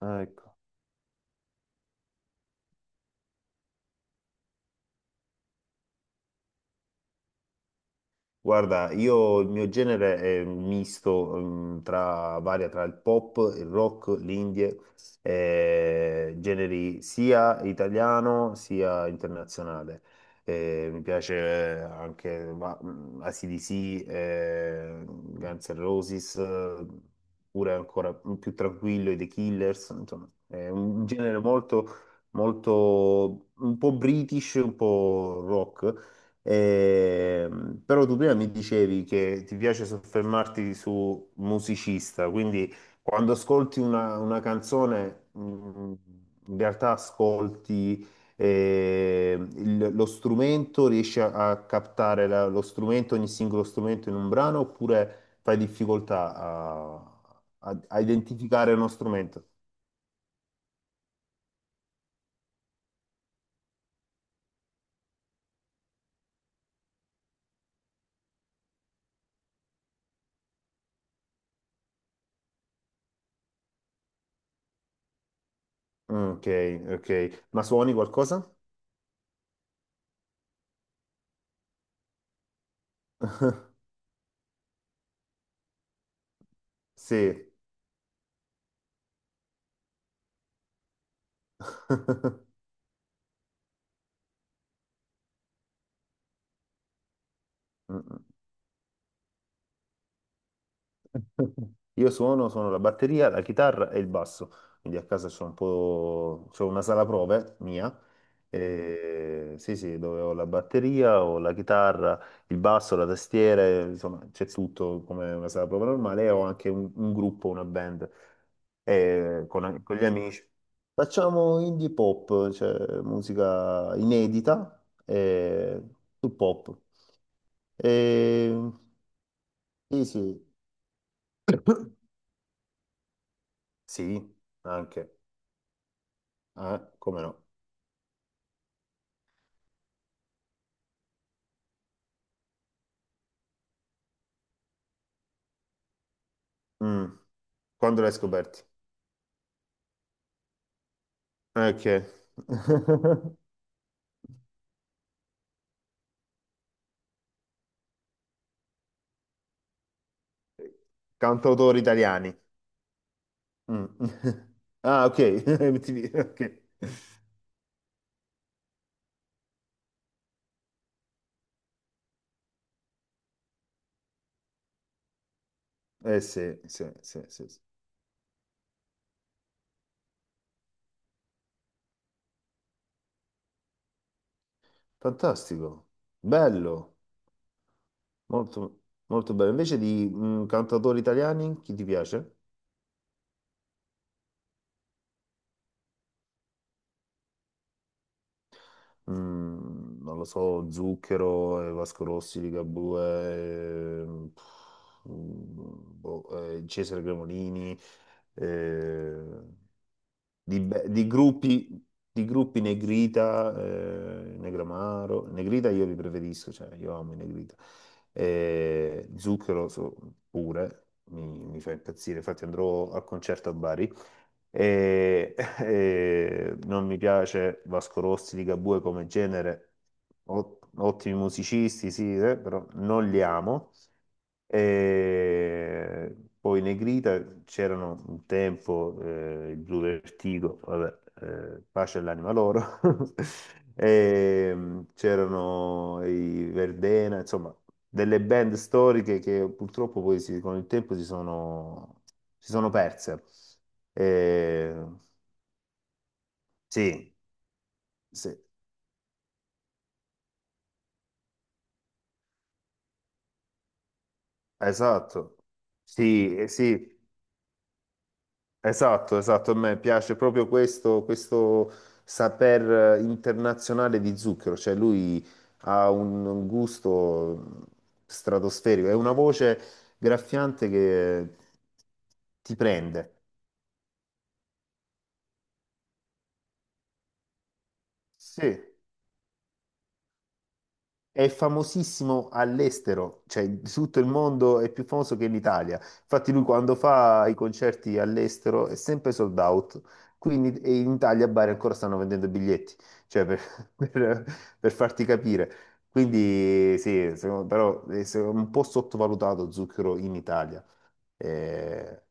Ah, ecco. Guarda, io il mio genere è un misto, varia tra il pop, il rock, l'indie, generi sia italiano sia internazionale. Mi piace anche AC/DC, Guns N' Roses, pure ancora più tranquillo, i The Killers, insomma, è un genere molto molto un po' british, un po' rock. Però tu prima mi dicevi che ti piace soffermarti su musicista, quindi quando ascolti una canzone, in realtà ascolti lo strumento, riesci a captare lo strumento, ogni singolo strumento in un brano, oppure fai difficoltà a identificare uno strumento? Mm, ok, ok. Ma suoni qualcosa? Sì. Io suono la batteria, la chitarra e il basso, quindi a casa c'ho una sala prove mia, sì sì, dove ho la batteria, ho la chitarra, il basso, la tastiera, insomma c'è tutto come una sala prove normale, e ho anche un gruppo, una band, con gli amici. Facciamo indie pop, cioè musica inedita, sul pop. Eh, sì sì, sì, anche. Ah, come no? Mm. Quando l'hai scoperti? Ok. Cantautori italiani. Mm. Ah, ok. MTV, ok. Eh sì, sì, sì, sì, sì. Fantastico. Bello. Molto, molto bello. Invece di cantautori italiani, chi ti piace? Non lo so, Zucchero, Vasco Rossi, Ligabue, pff, mm, boh, Cesare Cremonini. Eh, di gruppi Negrita, Negramaro. Negrita io li preferisco, cioè io amo i Negrita. Zucchero pure, mi fa impazzire, infatti andrò al concerto a Bari. E, e non mi piace Vasco Rossi, Ligabue come genere, ottimi musicisti, sì, però non li amo. E poi Negrita c'erano un tempo il Blu Vertigo, vabbè, pace all'anima loro. E, c'erano i Verdena, insomma, delle band storiche che purtroppo poi con il tempo si sono perse. E, sì, sì, esatto. Sì, sì. Esatto, esatto, a me piace proprio questo saper internazionale di Zucchero, cioè lui ha un gusto stratosferico, è una voce graffiante che ti prende. Sì. È famosissimo all'estero, cioè in tutto il mondo è più famoso che in Italia. Infatti lui quando fa i concerti all'estero è sempre sold out, quindi e in Italia a Bari ancora stanno vendendo biglietti, cioè per, per- per farti capire. Quindi sì, però è un po' sottovalutato Zucchero in Italia. Eh,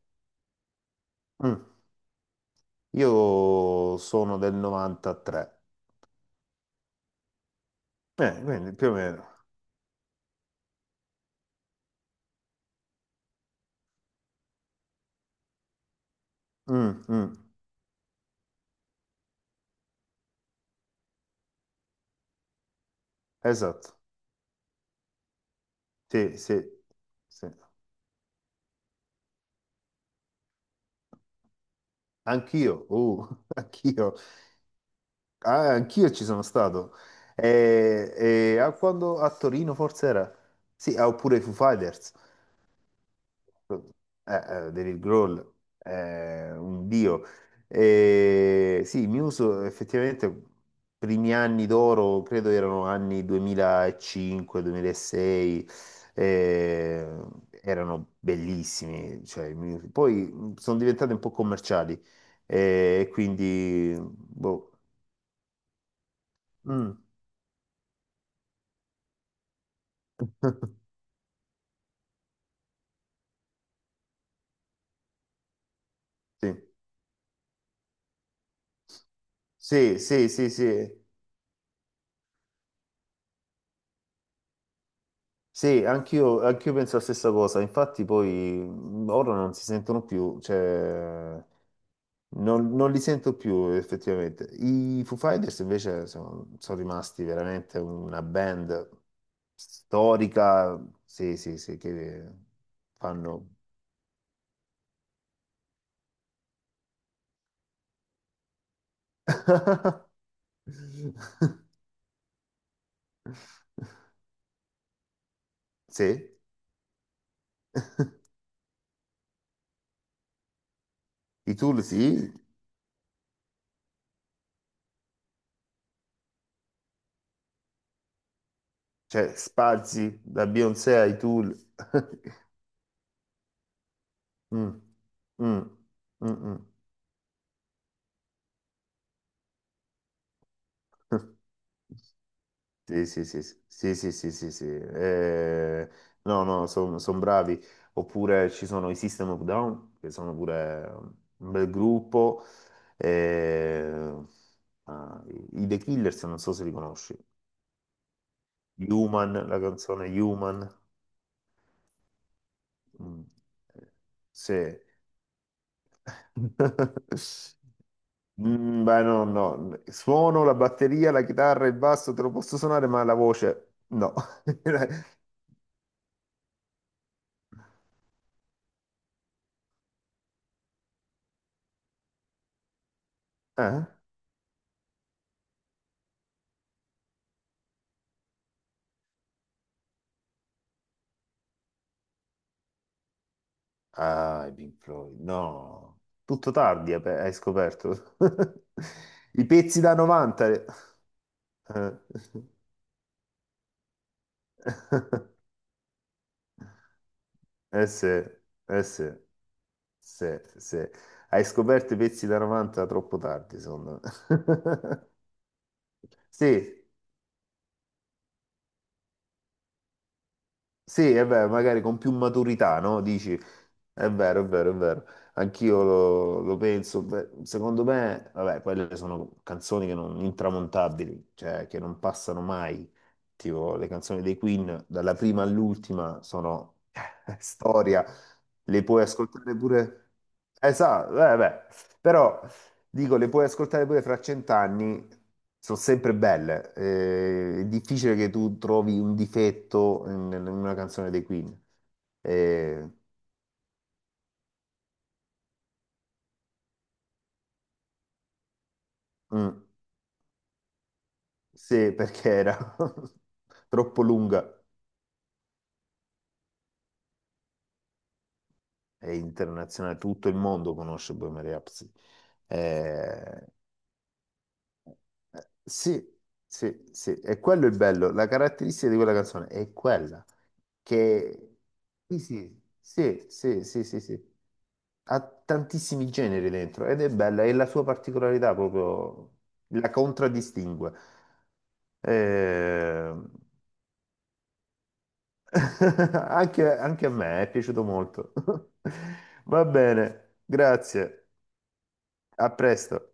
mm. Io sono del 93, quindi più o meno. Mm, mm. Esatto, sì, sì, sì. Anch'io, anch'io, Ah, anch'io ci sono stato. E, ah, quando a Torino forse era? Sì, ah, oppure i Foo Fighters. Eh, David Grohl è un dio. Sì, Muse effettivamente primi anni d'oro, credo erano anni 2005-2006, erano bellissimi. Cioè, i Muse. Poi sono diventati un po' commerciali e quindi boh. Mm. Sì, sì, sì, sì, sì. Sì, anch'io penso la stessa cosa, infatti poi ora non si sentono più, cioè non li sento più effettivamente. I Foo Fighters invece sono rimasti veramente una band storica, sì, sì, sì, che fanno. Sì, i Tool sì, cioè spazi da Beyoncé ai Tool. Mm, mm, mm, mm. Sì, sì, sì, sì, sì, sì, sì, sì, sì. No, no, sono bravi. Oppure ci sono i System of Down, che sono pure un bel gruppo. Eh, ah, i The Killers, non so se li conosci. Human, la canzone Human. Mm, eh, Sì. Mm, beh, no, no. Suono la batteria, la chitarra, il basso, te lo posso suonare, ma la voce no. Eh? Ah, i Pink Floyd. No, tutto tardi hai hai scoperto. I pezzi da 90. Sì, eh sì, sì, sì. Hai scoperto i pezzi da 90 troppo tardi, secondo me. Sì, sì, è vero, magari con più maturità, no? Dici, è vero, è vero, è vero. Anch'io lo penso. Beh, secondo me, vabbè, quelle sono canzoni che non, intramontabili, cioè che non passano mai. Tipo, le canzoni dei Queen, dalla prima all'ultima, sono storia. Le puoi ascoltare pure. Esatto, beh. Però dico, le puoi ascoltare pure fra cent'anni, sono sempre belle. È difficile che tu trovi un difetto in una canzone dei Queen. Eh, mm, sì, perché era troppo lunga. È internazionale, tutto il mondo conosce Bohemian Rhapsody. Eh, eh, sì, sì, sì, e quello è il bello. La caratteristica di quella canzone è quella. Che. Sì, sì, sì, sì, sì, sì, sì. Ha tantissimi generi dentro ed è bella, è la sua particolarità proprio, la contraddistingue. Eh, Anche a me è piaciuto molto. Va bene, grazie, a presto.